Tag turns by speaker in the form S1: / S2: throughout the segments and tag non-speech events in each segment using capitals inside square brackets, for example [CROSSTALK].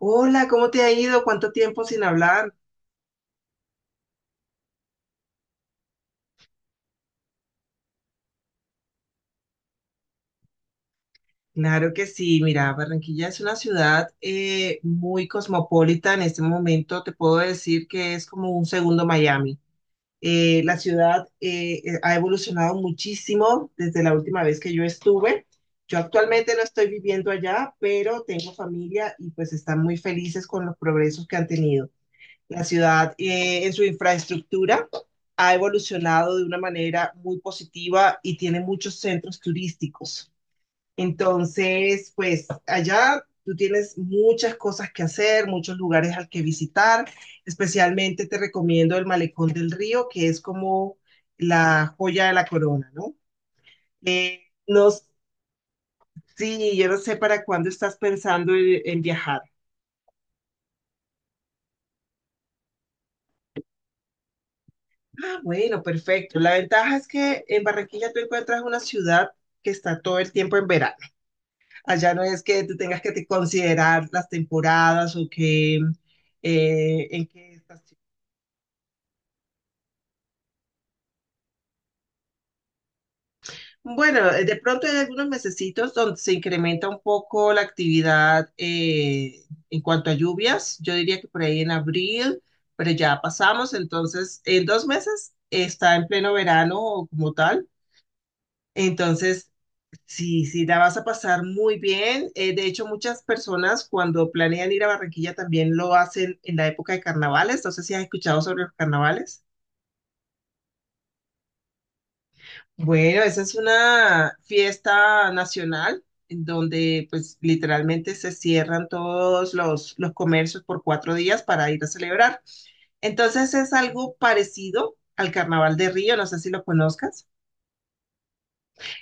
S1: Hola, ¿cómo te ha ido? ¿Cuánto tiempo sin hablar? Claro que sí, mira, Barranquilla es una ciudad muy cosmopolita en este momento, te puedo decir que es como un segundo Miami. La ciudad ha evolucionado muchísimo desde la última vez que yo estuve. Yo actualmente no estoy viviendo allá, pero tengo familia y pues están muy felices con los progresos que han tenido. La ciudad en su infraestructura ha evolucionado de una manera muy positiva y tiene muchos centros turísticos. Entonces, pues allá tú tienes muchas cosas que hacer, muchos lugares al que visitar. Especialmente te recomiendo el Malecón del Río, que es como la joya de la corona, ¿no? Eh, no, sí, yo no sé para cuándo estás pensando en viajar. Bueno, perfecto. La ventaja es que en Barranquilla tú encuentras una ciudad que está todo el tiempo en verano. Allá no es que tú tengas que te considerar las temporadas o que en qué estación. Bueno, de pronto hay algunos mesecitos donde se incrementa un poco la actividad en cuanto a lluvias. Yo diría que por ahí en abril, pero ya pasamos. Entonces, en 2 meses está en pleno verano como tal. Entonces, Sí, sí, la vas a pasar muy bien. De hecho, muchas personas cuando planean ir a Barranquilla también lo hacen en la época de carnavales. No sé si has escuchado sobre los carnavales. Bueno, esa es una fiesta nacional en donde pues literalmente se cierran todos los comercios por 4 días para ir a celebrar. Entonces es algo parecido al Carnaval de Río, no sé si lo conozcas.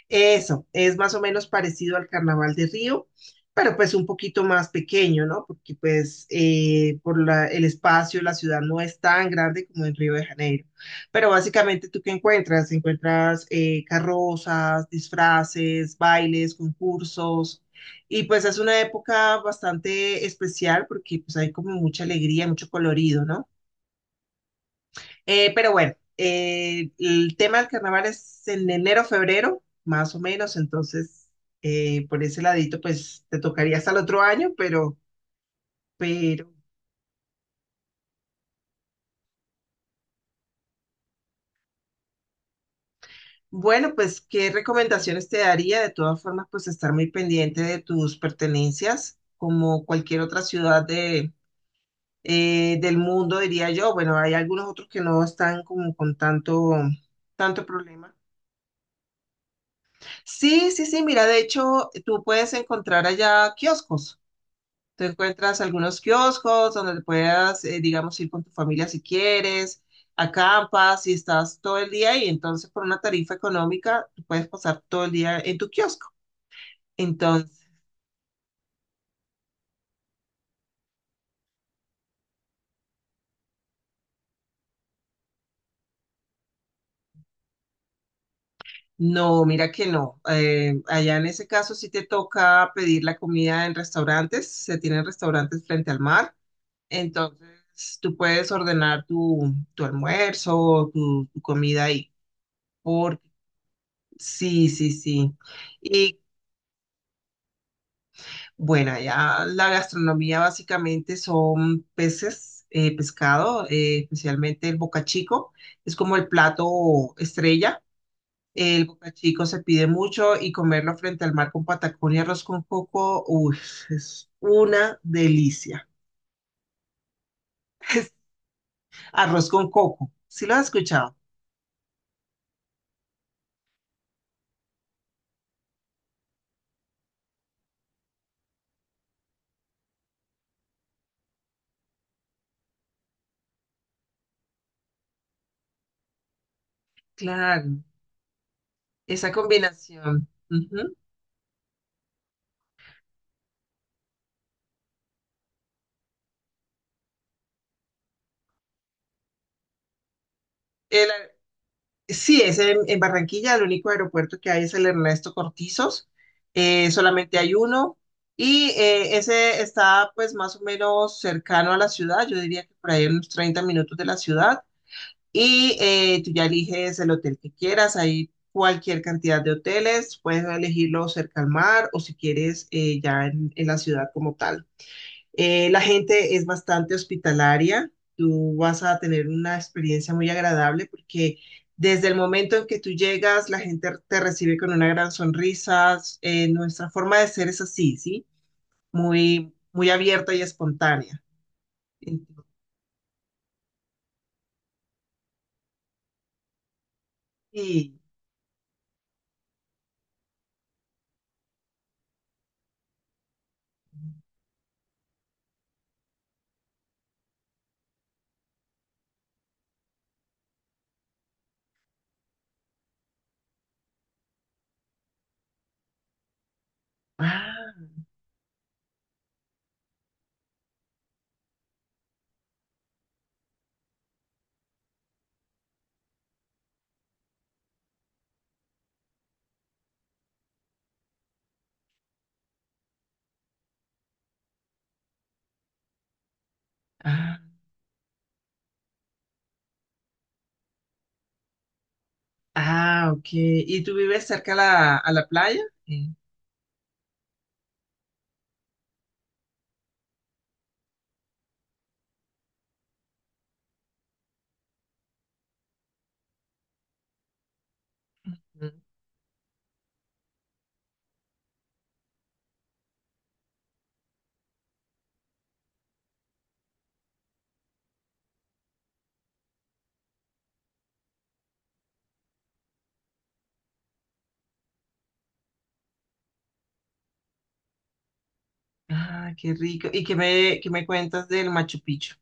S1: Eso, es más o menos parecido al Carnaval de Río, pero pues un poquito más pequeño, ¿no? Porque pues el espacio, la ciudad no es tan grande como en Río de Janeiro. Pero básicamente, ¿tú qué encuentras? Encuentras carrozas, disfraces, bailes, concursos. Y pues es una época bastante especial porque pues hay como mucha alegría, mucho colorido, ¿no? Pero bueno, el tema del carnaval es en enero, febrero, más o menos, entonces por ese ladito, pues te tocaría hasta el otro año, pero bueno, pues qué recomendaciones te daría. De todas formas, pues estar muy pendiente de tus pertenencias, como cualquier otra ciudad del mundo, diría yo. Bueno, hay algunos otros que no están como con tanto problema. Sí, sí, sí, mira, de hecho, tú puedes encontrar allá kioscos. Te encuentras algunos kioscos donde puedas, digamos, ir con tu familia si quieres, acampas y estás todo el día y entonces por una tarifa económica tú puedes pasar todo el día en tu kiosco. Entonces, no, mira que no. Allá en ese caso sí te toca pedir la comida en restaurantes, se tienen restaurantes frente al mar, entonces tú puedes ordenar tu almuerzo, tu comida ahí. Por, sí, sí, sí. Y Bueno, ya la gastronomía básicamente son peces, pescado, especialmente el bocachico. Es como el plato estrella. El bocachico se pide mucho y comerlo frente al mar con patacón y arroz con coco, uy, es una delicia. [LAUGHS] Es Arroz con coco, ¿sí lo has escuchado? Claro, esa combinación. Ujú. Sí, es en Barranquilla, el único aeropuerto que hay es el Ernesto Cortizos, solamente hay uno y ese está pues más o menos cercano a la ciudad, yo diría que por ahí unos 30 minutos de la ciudad y tú ya eliges el hotel que quieras, hay cualquier cantidad de hoteles, puedes elegirlo cerca al mar o si quieres ya en la ciudad como tal. La gente es bastante hospitalaria. Tú vas a tener una experiencia muy agradable porque desde el momento en que tú llegas, la gente te recibe con una gran sonrisa. Nuestra forma de ser es así, ¿sí? Muy, muy abierta y espontánea. Y, ah, ah, ok. ¿Y tú vives cerca a la playa? Sí. Ah, qué rico. ¿Y qué me cuentas del Machu Picchu?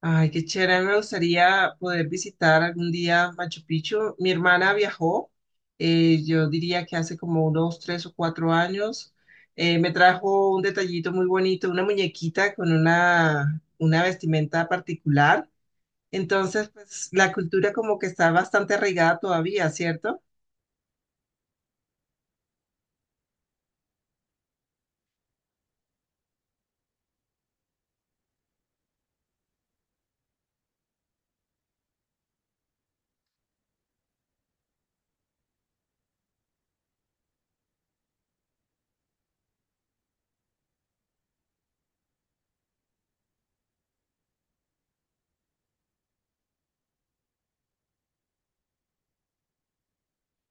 S1: Ay, qué chévere, a mí me gustaría poder visitar algún día Machu Picchu. Mi hermana viajó, yo diría que hace como unos 3 o 4 años. Me trajo un detallito muy bonito, una muñequita con una vestimenta particular. Entonces, pues la cultura como que está bastante arraigada todavía, ¿cierto?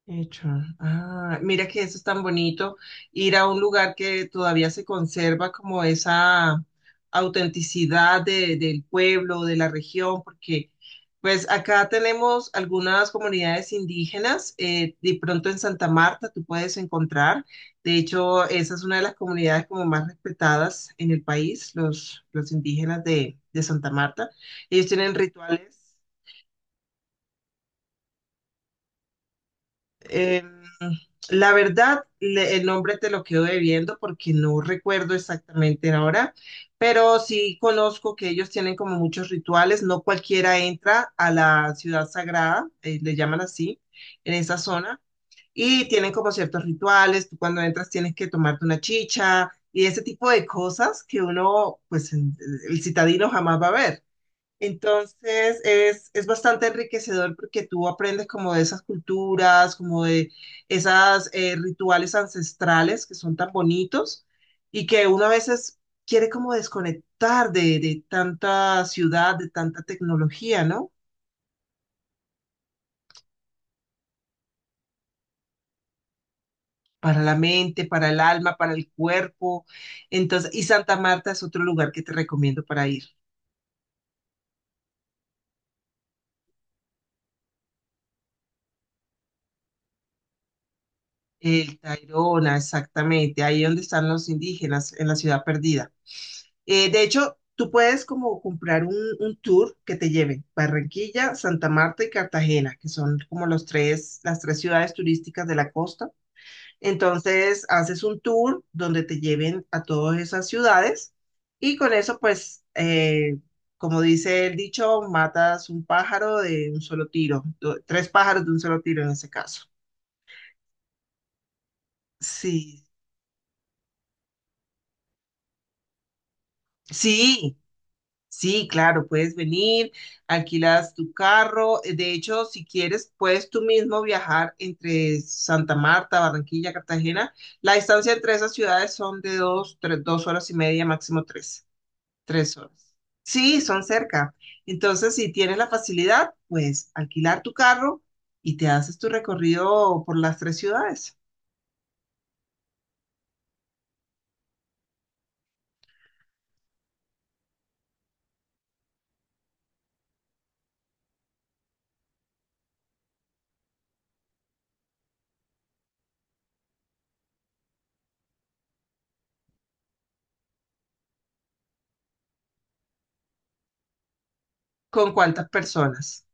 S1: Hecho. Ah, mira que eso es tan bonito, ir a un lugar que todavía se conserva como esa autenticidad del pueblo, de la región, porque pues acá tenemos algunas comunidades indígenas, de pronto en Santa Marta tú puedes encontrar, de hecho esa es una de las comunidades como más respetadas en el país, los indígenas de Santa Marta, ellos tienen rituales. Eh, la verdad, el nombre te lo quedo debiendo porque no recuerdo exactamente ahora, pero sí conozco que ellos tienen como muchos rituales. No cualquiera entra a la ciudad sagrada, le llaman así, en esa zona, y tienen como ciertos rituales. Tú cuando entras tienes que tomarte una chicha y ese tipo de cosas que uno, pues el citadino jamás va a ver. Entonces es bastante enriquecedor porque tú aprendes como de esas culturas, como de esas rituales ancestrales que son tan bonitos y que uno a veces quiere como desconectar de tanta ciudad, de tanta tecnología, ¿no? Para la mente, para el alma, para el cuerpo. Entonces, y Santa Marta es otro lugar que te recomiendo para ir. El Tayrona, exactamente, ahí donde están los indígenas, en la ciudad perdida. De hecho, tú puedes como comprar un tour que te lleve Barranquilla, Santa Marta y Cartagena, que son como las tres ciudades turísticas de la costa. Entonces, haces un tour donde te lleven a todas esas ciudades y con eso, pues, como dice el dicho, matas un pájaro de un solo tiro, tres pájaros de un solo tiro en ese caso. Sí, sí, sí, claro, puedes venir, alquilas tu carro. De hecho, si quieres, puedes tú mismo viajar entre Santa Marta, Barranquilla, Cartagena. La distancia entre esas ciudades son de dos, tres, dos horas y media, máximo tres, tres horas. Sí, son cerca. Entonces, si tienes la facilidad, pues alquilar tu carro y te haces tu recorrido por las tres ciudades. ¿Con cuántas personas?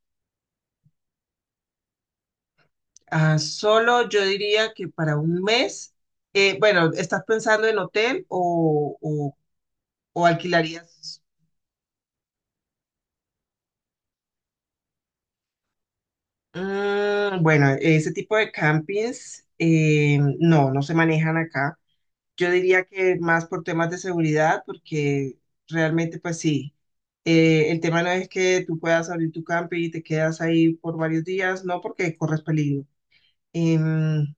S1: Ah, solo yo diría que para un mes, bueno, ¿estás pensando en hotel o, o alquilarías? Mm, bueno, ese tipo de campings no, no se manejan acá. Yo diría que más por temas de seguridad, porque realmente pues sí, el tema no es que tú puedas abrir tu camping y te quedas ahí por varios días, no, porque corres peligro. Em,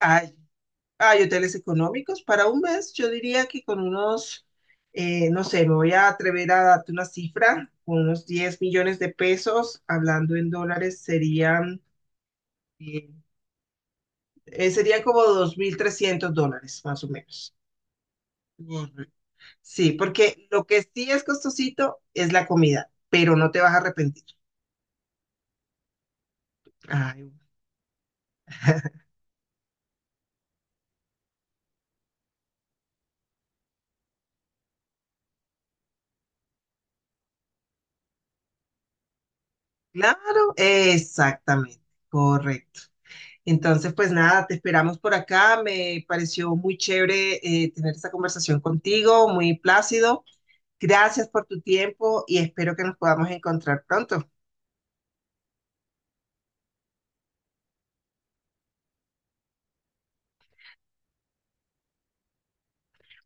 S1: ay, Hay hoteles económicos para un mes, yo diría que con unos, no sé, me voy a atrever a darte una cifra, con unos 10 millones de pesos, hablando en dólares, eh, serían como 2.300 dólares, más o menos. Correcto. Sí, porque lo que sí es costosito es la comida, pero no te vas a arrepentir. Ay, [LAUGHS] claro, exactamente, correcto. Entonces, pues nada, te esperamos por acá. Me pareció muy chévere tener esta conversación contigo, muy plácido. Gracias por tu tiempo y espero que nos podamos encontrar pronto.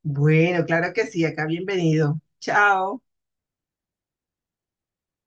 S1: Bueno, claro que sí, acá bienvenido. Chao.